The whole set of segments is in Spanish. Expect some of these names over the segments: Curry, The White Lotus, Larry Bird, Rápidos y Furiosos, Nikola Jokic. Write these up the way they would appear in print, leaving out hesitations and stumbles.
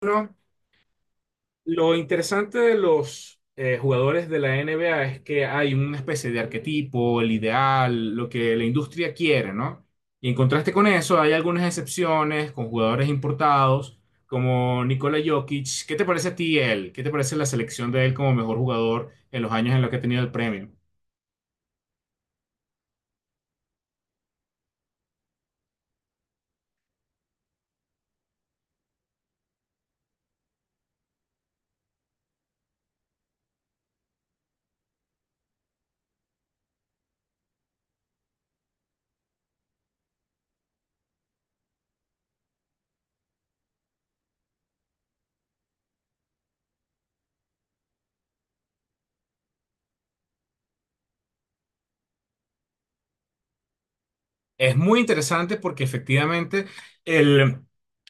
Bueno, lo interesante de los jugadores de la NBA es que hay una especie de arquetipo, el ideal, lo que la industria quiere, ¿no? Y en contraste con eso, hay algunas excepciones con jugadores importados, como Nikola Jokic. ¿Qué te parece a ti él? ¿Qué te parece la selección de él como mejor jugador en los años en los que ha tenido el premio? Es muy interesante porque efectivamente el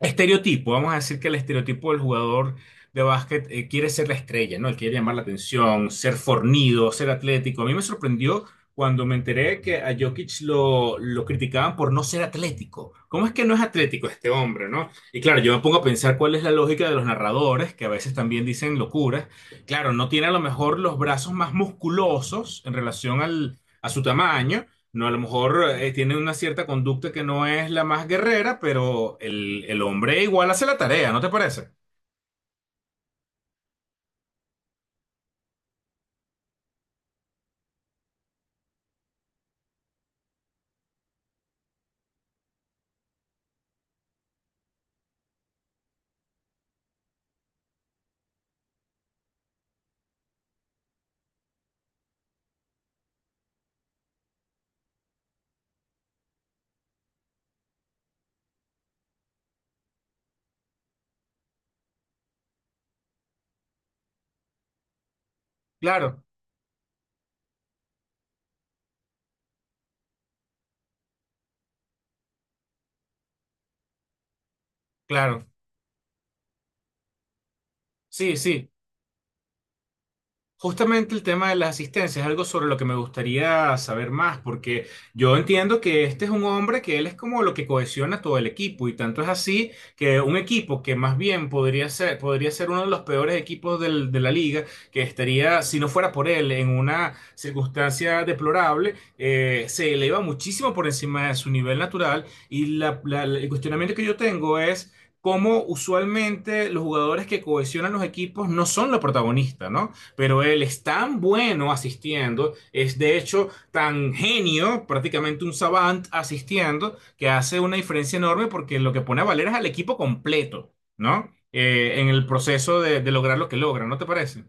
estereotipo, vamos a decir que el estereotipo del jugador de básquet quiere ser la estrella, ¿no? Él quiere llamar la atención, ser fornido, ser atlético. A mí me sorprendió cuando me enteré que a Jokic lo criticaban por no ser atlético. ¿Cómo es que no es atlético este hombre, ¿no? Y claro, yo me pongo a pensar cuál es la lógica de los narradores, que a veces también dicen locuras. Claro, no tiene a lo mejor los brazos más musculosos en relación a su tamaño no, a lo mejor tiene una cierta conducta que no es la más guerrera, pero el hombre igual hace la tarea, ¿no te parece? Claro, claro. Sí, sí. Justamente el tema de las asistencias es algo sobre lo que me gustaría saber más, porque yo entiendo que este es un hombre que él es como lo que cohesiona todo el equipo, y tanto es así que un equipo que más bien podría ser uno de los peores equipos del- de la liga, que estaría, si no fuera por él, en una circunstancia deplorable, se eleva muchísimo por encima de su nivel natural, y el cuestionamiento que yo tengo es... cómo usualmente los jugadores que cohesionan los equipos no son los protagonistas, ¿no? Pero él es tan bueno asistiendo, es de hecho tan genio, prácticamente un savant asistiendo, que hace una diferencia enorme porque lo que pone a valer es al equipo completo, ¿no? En el proceso de lograr lo que logra, ¿no te parece?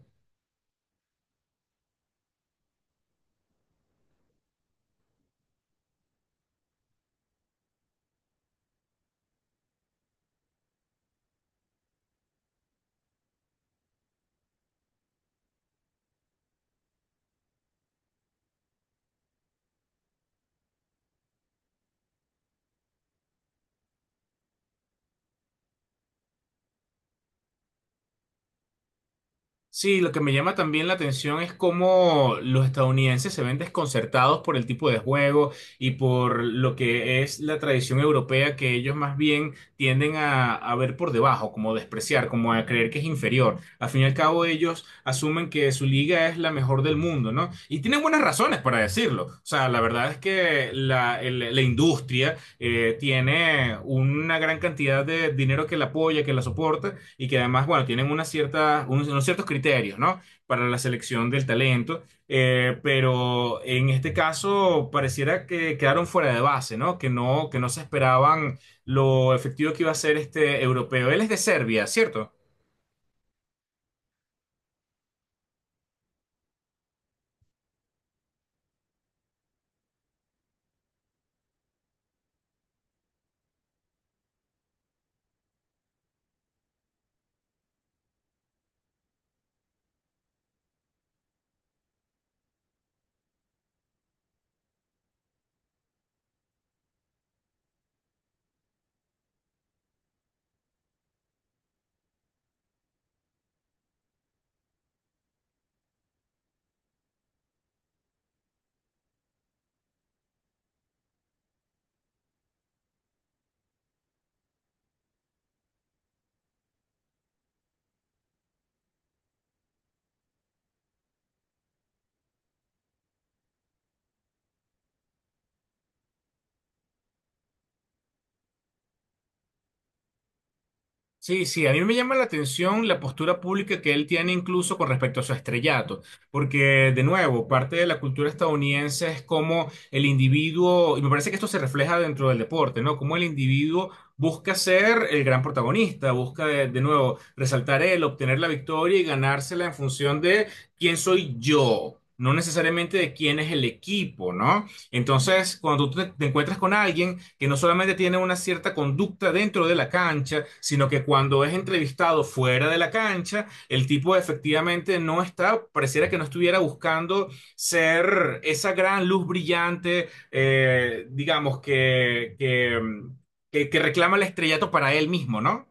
Sí, lo que me llama también la atención es cómo los estadounidenses se ven desconcertados por el tipo de juego y por lo que es la tradición europea que ellos más bien tienden a ver por debajo, como despreciar, como a creer que es inferior. Al fin y al cabo ellos asumen que su liga es la mejor del mundo, ¿no? Y tienen buenas razones para decirlo. O sea, la verdad es que la industria tiene una gran cantidad de dinero que la apoya, que la soporta y que además, bueno, tienen una cierta, unos ciertos criterios, ¿no? Para la selección del talento, pero en este caso pareciera que quedaron fuera de base, ¿no? Que no, que no se esperaban lo efectivo que iba a ser este europeo. Él es de Serbia, ¿cierto? Sí, sí, a mí me llama la atención la postura pública que él tiene incluso con respecto a su estrellato, porque de nuevo, parte de la cultura estadounidense es como el individuo, y me parece que esto se refleja dentro del deporte, ¿no? Como el individuo busca ser el gran protagonista, busca de nuevo resaltar él, obtener la victoria y ganársela en función de quién soy yo, no necesariamente de quién es el equipo, ¿no? Entonces, cuando tú te encuentras con alguien que no solamente tiene una cierta conducta dentro de la cancha, sino que cuando es entrevistado fuera de la cancha, el tipo efectivamente no está, pareciera que no estuviera buscando ser esa gran luz brillante, digamos, que reclama el estrellato para él mismo, ¿no?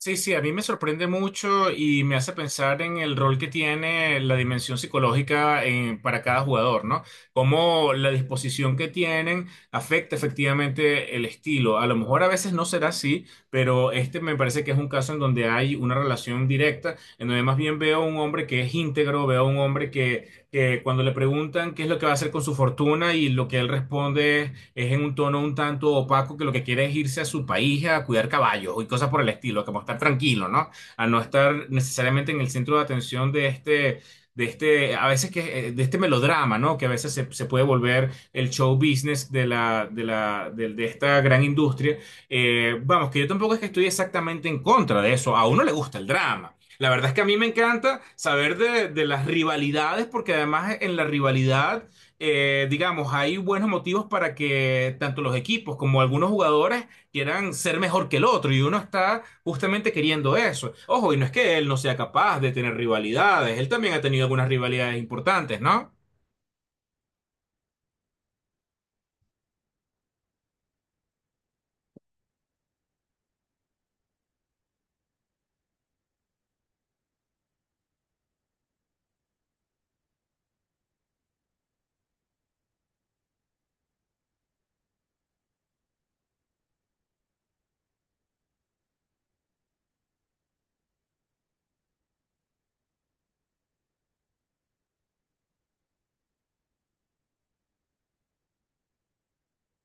Sí, sí, a mí me sorprende mucho y me hace pensar en el rol que tiene la dimensión psicológica en- para cada jugador, ¿no? Cómo la disposición que tienen afecta efectivamente el estilo. A lo mejor a veces no será así, pero este me parece que es un caso en donde hay una relación directa, en donde más bien veo a un hombre que es íntegro, veo a un hombre que cuando le preguntan qué es lo que va a hacer con su fortuna y lo que él responde es en un tono un tanto opaco que lo que quiere es irse a su país a cuidar caballos y cosas por el estilo, como estar tranquilo, ¿no? A no estar necesariamente en el centro de atención de este, a veces que, de este melodrama, ¿no? Que a veces se puede volver el show business de de esta gran industria. Vamos, que yo tampoco es que estoy exactamente en contra de eso. A uno le gusta el drama. La verdad es que a mí me encanta saber de las rivalidades, porque además en la rivalidad digamos, hay buenos motivos para que tanto los equipos como algunos jugadores quieran ser mejor que el otro y uno está justamente queriendo eso. Ojo, y no es que él no sea capaz de tener rivalidades, él también ha tenido algunas rivalidades importantes, ¿no?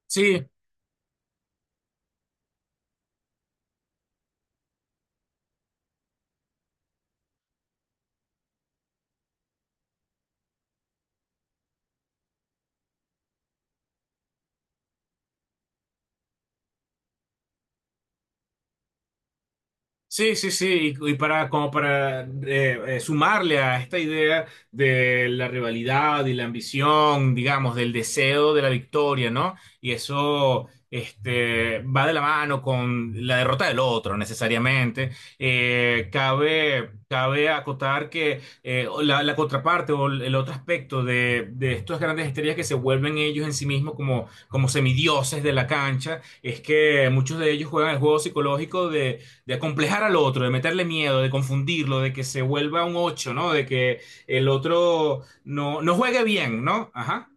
Sí, sí, sí, sí, y para como para sumarle a esta idea de la rivalidad y la ambición, digamos, del deseo de la victoria, ¿no? Y eso este, va de la mano con la derrota del otro, necesariamente. Cabe acotar que la, la contraparte o el otro aspecto de estas grandes estrellas que se vuelven ellos en sí mismos como, como semidioses de la cancha es que muchos de ellos juegan el juego psicológico de acomplejar al otro, de meterle miedo, de confundirlo, de que se vuelva un 8, ¿no? De que el otro no, no juegue bien, ¿no? Ajá.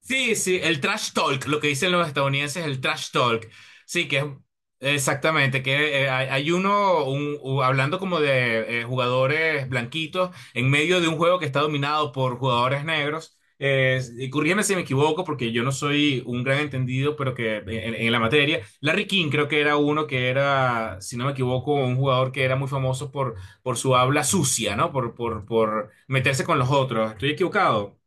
Sí, sí, el trash talk, lo que dicen los estadounidenses, el trash talk. Sí, que es exactamente, que hay uno hablando como de jugadores blanquitos en medio de un juego que está dominado por jugadores negros. Y corrígeme si me equivoco, porque yo no soy un gran entendido, pero que en la materia, Larry King creo que era uno que era, si no me equivoco, un jugador que era muy famoso por su habla sucia, ¿no? Por meterse con los otros. ¿Estoy equivocado?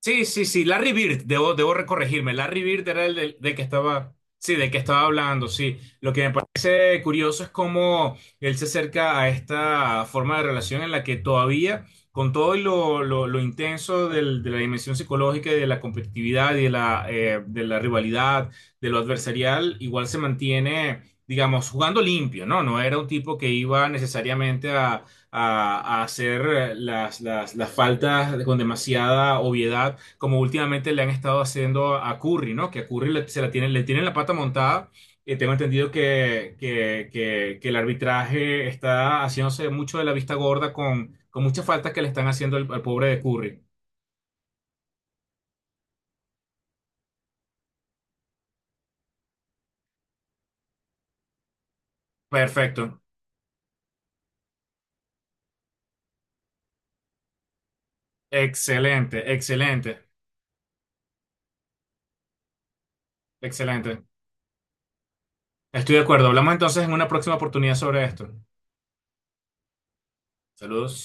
Sí, sí, sí, Larry Bird, debo recorregirme. Larry Bird era el del que estaba, sí, del que estaba hablando, sí. Lo que me parece curioso es cómo él se acerca a esta forma de relación en la que todavía, con todo lo intenso del- de la dimensión psicológica y de la competitividad y de la rivalidad, de lo adversarial, igual se mantiene, digamos, jugando limpio, ¿no? No era un tipo que iba necesariamente a hacer las faltas con demasiada obviedad, como últimamente le han estado haciendo a Curry, ¿no? Que a Curry le, se la tienen, le tienen la pata montada. Tengo entendido que el arbitraje está haciéndose mucho de la vista gorda con muchas faltas que le están haciendo al pobre de Curry. Perfecto. Excelente, excelente, excelente. Estoy de acuerdo. Hablamos entonces en una próxima oportunidad sobre esto. Saludos.